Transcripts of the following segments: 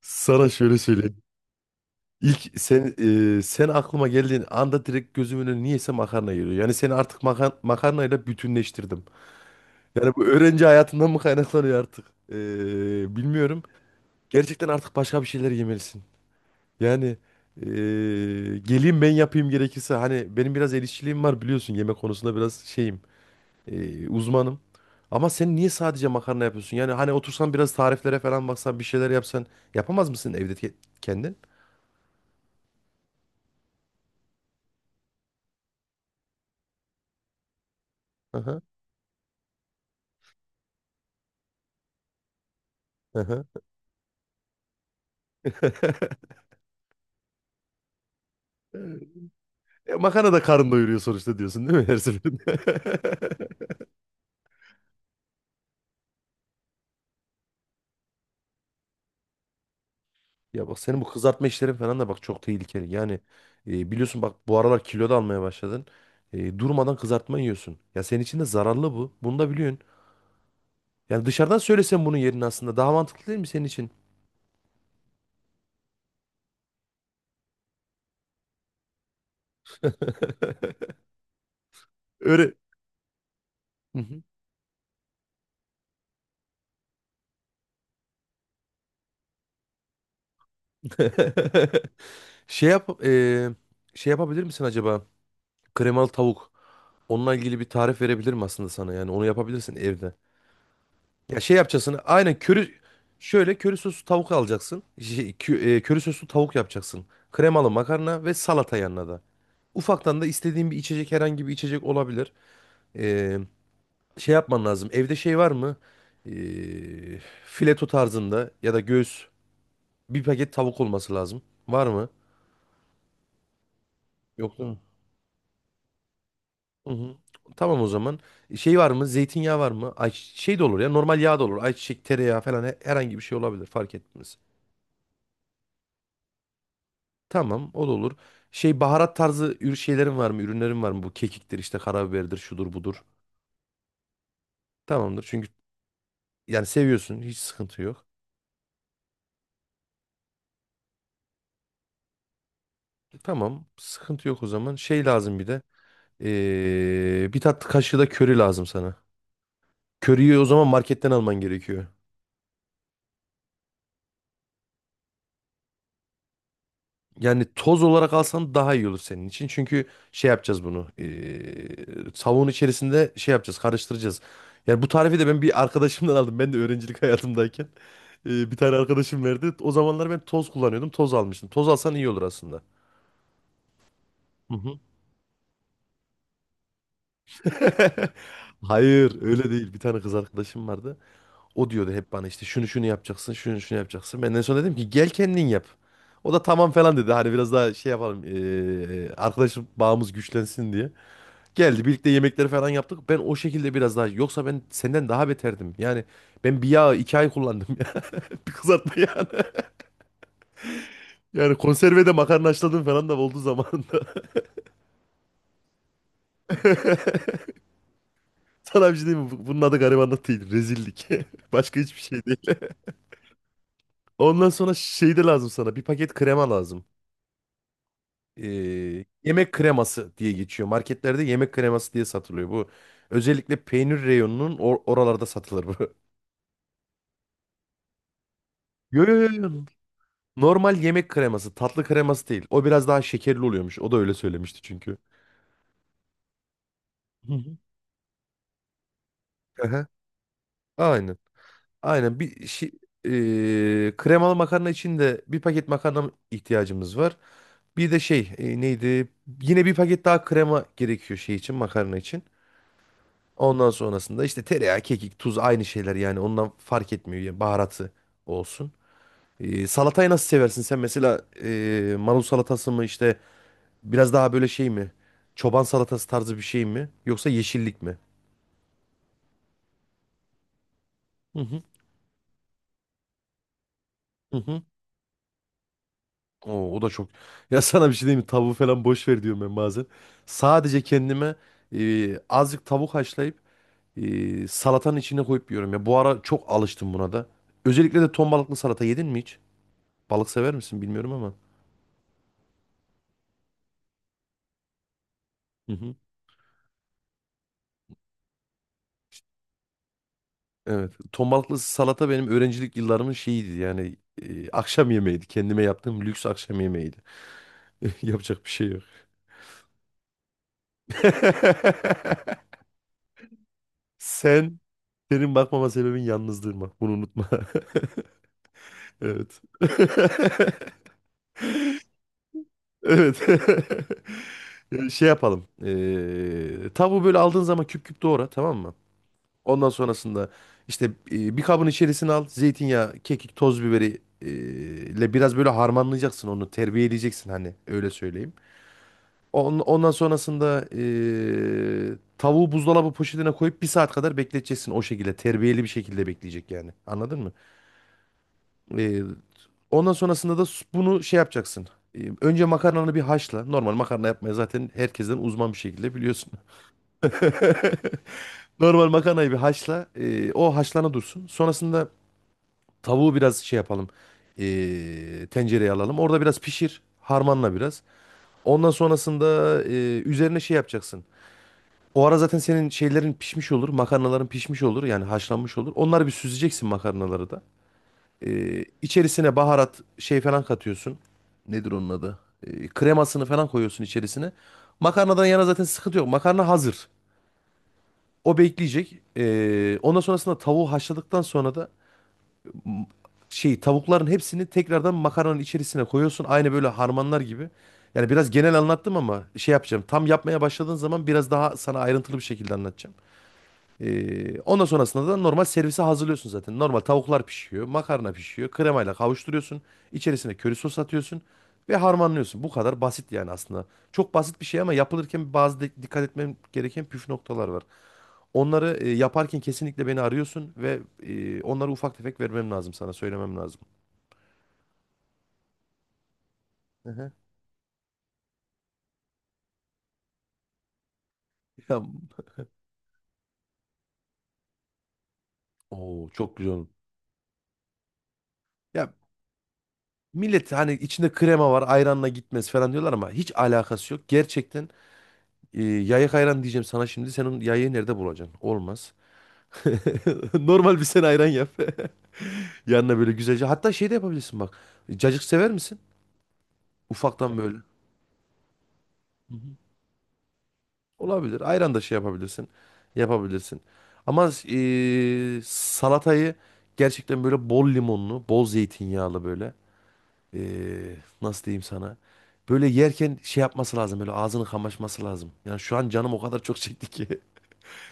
Sana şöyle söyleyeyim. İlk sen aklıma geldiğin anda direkt gözümün önüne niyeyse makarna geliyor. Yani seni artık makarnayla bütünleştirdim. Yani bu öğrenci hayatından mı kaynaklanıyor artık? E, bilmiyorum. Gerçekten artık başka bir şeyler yemelisin. Yani e, geleyim ben yapayım gerekirse. Hani benim biraz el işçiliğim var biliyorsun. Yemek konusunda biraz şeyim. Uzmanım. Ama sen niye sadece makarna yapıyorsun? Yani hani otursan biraz tariflere falan baksan bir şeyler yapsan yapamaz mısın evde kendin? Hı hı. Makarna da karın doyuruyor sonuçta diyorsun değil mi her seferinde? Ya bak senin bu kızartma işlerin falan da bak çok tehlikeli. Yani biliyorsun bak bu aralar kilo da almaya başladın. Durmadan kızartma yiyorsun. Ya senin için de zararlı bu. Bunu da biliyorsun. Yani dışarıdan söylesen bunun yerini aslında daha mantıklı değil mi senin için? Öyle. Hı hı. Şey yap e, Şey yapabilir misin acaba? Kremalı tavuk. Onunla ilgili bir tarif verebilir mi aslında sana? Yani onu yapabilirsin evde. Ya şey yapacaksın. Aynen şöyle köri soslu tavuk alacaksın. Şey, köri soslu tavuk yapacaksın. Kremalı makarna ve salata yanına da. Ufaktan da istediğin bir içecek herhangi bir içecek olabilir. Ee, Şey yapman lazım. Evde şey var mı? Ee, Fileto tarzında ya da göğüs bir paket tavuk olması lazım. Var mı? Yoksa. Hı. Hı hı. Tamam o zaman. Şey var mı? Zeytinyağı var mı? Ay, şey de olur ya. Normal yağ da olur. Ayçiçek, tereyağı falan herhangi bir şey olabilir. Fark etmez. Tamam o da olur. Şey baharat tarzı şeylerin var mı? Ürünlerin var mı? Bu kekiktir işte karabiberdir şudur budur. Tamamdır. Çünkü yani seviyorsun hiç sıkıntı yok. Tamam sıkıntı yok o zaman. Şey lazım bir de. Bir tatlı kaşığı da köri lazım sana. Köriyi o zaman marketten alman gerekiyor. Yani toz olarak alsan daha iyi olur senin için. Çünkü şey yapacağız bunu. Savun içerisinde şey yapacağız karıştıracağız. Yani bu tarifi de ben bir arkadaşımdan aldım. Ben de öğrencilik hayatımdayken. Bir tane arkadaşım verdi. O zamanlar ben toz kullanıyordum. Toz almıştım. Toz alsan iyi olur aslında. Hı hı. Hayır öyle değil. Bir tane kız arkadaşım vardı. O diyordu hep bana işte şunu şunu yapacaksın, şunu şunu yapacaksın. Ben en son dedim ki gel kendin yap. O da tamam falan dedi. Hani biraz daha şey yapalım. Arkadaşım bağımız güçlensin diye. Geldi birlikte yemekleri falan yaptık. Ben o şekilde biraz daha. Yoksa ben senden daha beterdim. Yani ben bir yağı 2 ay kullandım. Yani bir kızartma yani. Yani konserve de makarna haşladım falan da oldu zamanında. Sana bir şey diyeyim mi? Bunun adı garibanlık değil. Rezillik. Başka hiçbir şey değil. Ondan sonra şey de lazım sana. Bir paket krema lazım. Yemek kreması diye geçiyor. Marketlerde yemek kreması diye satılıyor. Bu özellikle peynir reyonunun oralarda satılır bu. Yo, yo, yo. Yo. Normal yemek kreması. Tatlı kreması değil. O biraz daha şekerli oluyormuş. O da öyle söylemişti çünkü. Hı hı. Aha, aynen. Aynen. Bir şey, kremalı makarna için de bir paket makarna ihtiyacımız var. Bir de şey neydi? Yine bir paket daha krema gerekiyor şey için makarna için. Ondan sonrasında işte tereyağı, kekik, tuz aynı şeyler yani ondan fark etmiyor yani baharatı olsun. Salatayı nasıl seversin sen mesela marul salatası mı işte biraz daha böyle şey mi? Çoban salatası tarzı bir şey mi? Yoksa yeşillik mi? Hı hı. Hı hı. Oo, o da çok. Ya sana bir şey diyeyim mi? Tavuğu falan boş ver diyorum ben bazen. Sadece kendime azıcık tavuk haşlayıp salatanın içine koyup yiyorum ya. Bu ara çok alıştım buna da. Özellikle de ton balıklı salata yedin mi hiç? Balık sever misin bilmiyorum ama. Hı hı. Evet. Ton balıklı salata benim öğrencilik yıllarımın şeyiydi yani akşam yemeğiydi. Kendime yaptığım lüks akşam yemeğiydi. Yapacak bir şey yok. Sen senin bakmama sebebin yalnızlığın bak. Bunu unutma. Evet. Evet. Şey yapalım. Tavuğu böyle aldığın zaman küp küp doğra tamam mı? Ondan sonrasında işte bir kabın içerisine al. Zeytinyağı, kekik, toz biberi ile biraz böyle harmanlayacaksın onu. Terbiye edeceksin hani öyle söyleyeyim. Ondan sonrasında tavuğu buzdolabı poşetine koyup bir saat kadar bekleteceksin o şekilde. Terbiyeli bir şekilde bekleyecek yani. Anladın mı? E, Ondan sonrasında da bunu şey yapacaksın. Önce makarnanı bir haşla. Normal makarna yapmaya zaten herkesten uzman bir şekilde biliyorsun. Normal makarnayı bir haşla. O haşlana dursun. Sonrasında tavuğu biraz şey yapalım. Tencereye alalım. Orada biraz pişir. Harmanla biraz. Ondan sonrasında üzerine şey yapacaksın. O ara zaten senin şeylerin pişmiş olur. Makarnaların pişmiş olur. Yani haşlanmış olur. Onları bir süzeceksin makarnaları da. İçerisine baharat şey falan katıyorsun. Nedir onun adı? Kremasını falan koyuyorsun içerisine. Makarnadan yana zaten sıkıntı yok. Makarna hazır. O bekleyecek. Ondan sonrasında tavuğu haşladıktan sonra da m- şey tavukların hepsini tekrardan makarnanın içerisine koyuyorsun. Aynı böyle harmanlar gibi. Yani biraz genel anlattım ama şey yapacağım. Tam yapmaya başladığın zaman biraz daha sana ayrıntılı bir şekilde anlatacağım. Ondan sonrasında da normal servise hazırlıyorsun zaten. Normal tavuklar pişiyor, makarna pişiyor, kremayla kavuşturuyorsun. İçerisine köri sos atıyorsun ve harmanlıyorsun. Bu kadar basit yani aslında. Çok basit bir şey ama yapılırken bazı dikkat etmem gereken püf noktalar var. Onları yaparken kesinlikle beni arıyorsun ve onlara ufak tefek vermem lazım sana, söylemem lazım. Hı hı. Ya, oo, çok güzel olur. Ya millet hani içinde krema var, ayranla gitmez falan diyorlar ama hiç alakası yok. Gerçekten yayık ayran diyeceğim sana şimdi. Sen onun yayığı nerede bulacaksın? Olmaz. Normal bir sen ayran yap. Yanına böyle güzelce. Hatta şey de yapabilirsin bak. Cacık sever misin? Ufaktan böyle. Olabilir. Ayran da şey yapabilirsin. Yapabilirsin. Ama salatayı gerçekten böyle bol limonlu, bol zeytinyağlı böyle. eee, nasıl diyeyim sana? Böyle yerken şey yapması lazım. Böyle ağzını kamaşması lazım. Yani şu an canım o kadar çok çekti ki.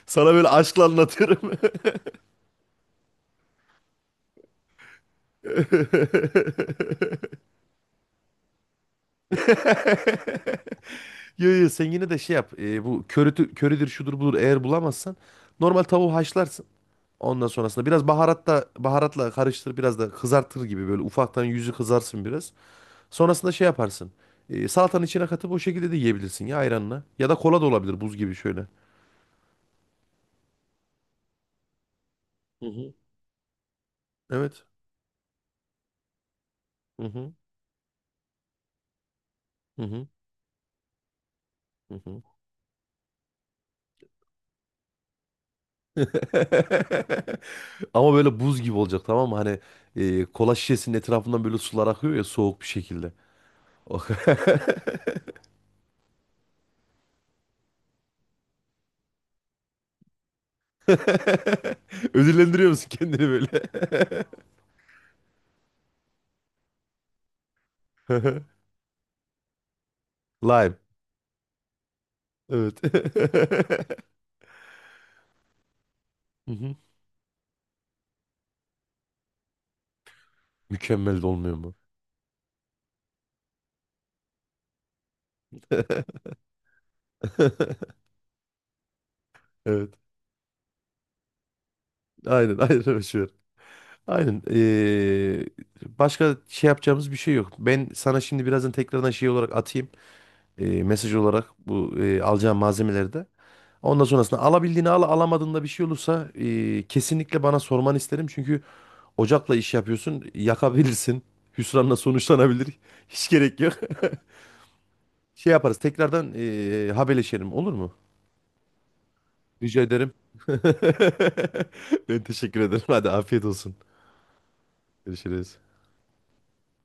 Sana böyle aşkla anlatıyorum. Yo, yo, sen yine de şey yap. Bu körüdür şudur budur eğer bulamazsan normal tavuğu haşlarsın. Ondan sonrasında biraz baharatla karıştır biraz da kızartır gibi böyle ufaktan yüzü kızarsın biraz. Sonrasında şey yaparsın. Salatanın içine katıp o şekilde de yiyebilirsin ya ayranla. Ya da kola da olabilir buz gibi şöyle. Hı hı. Evet. Hı hı. Hı hı. Hı hı. Ama böyle buz gibi olacak tamam mı? Hani kola şişesinin etrafından böyle sular akıyor ya soğuk bir şekilde. Oh. Ödüllendiriyor musun kendini böyle? Lime. Evet. Hı hı. Mükemmel de olmuyor mu? Evet. Aynen, aynen öyle şey var. Aynen. Başka şey yapacağımız bir şey yok. Ben sana şimdi birazdan tekrardan şey olarak atayım. Mesaj olarak bu alacağım malzemeleri de. Ondan sonrasında alabildiğini al, alamadığında bir şey olursa kesinlikle bana sormanı isterim. Çünkü ocakla iş yapıyorsun, yakabilirsin. Hüsranla sonuçlanabilir. Hiç gerek yok. Şey yaparız, tekrardan haberleşelim olur mu? Rica ederim. Ben teşekkür ederim. Hadi afiyet olsun. Görüşürüz.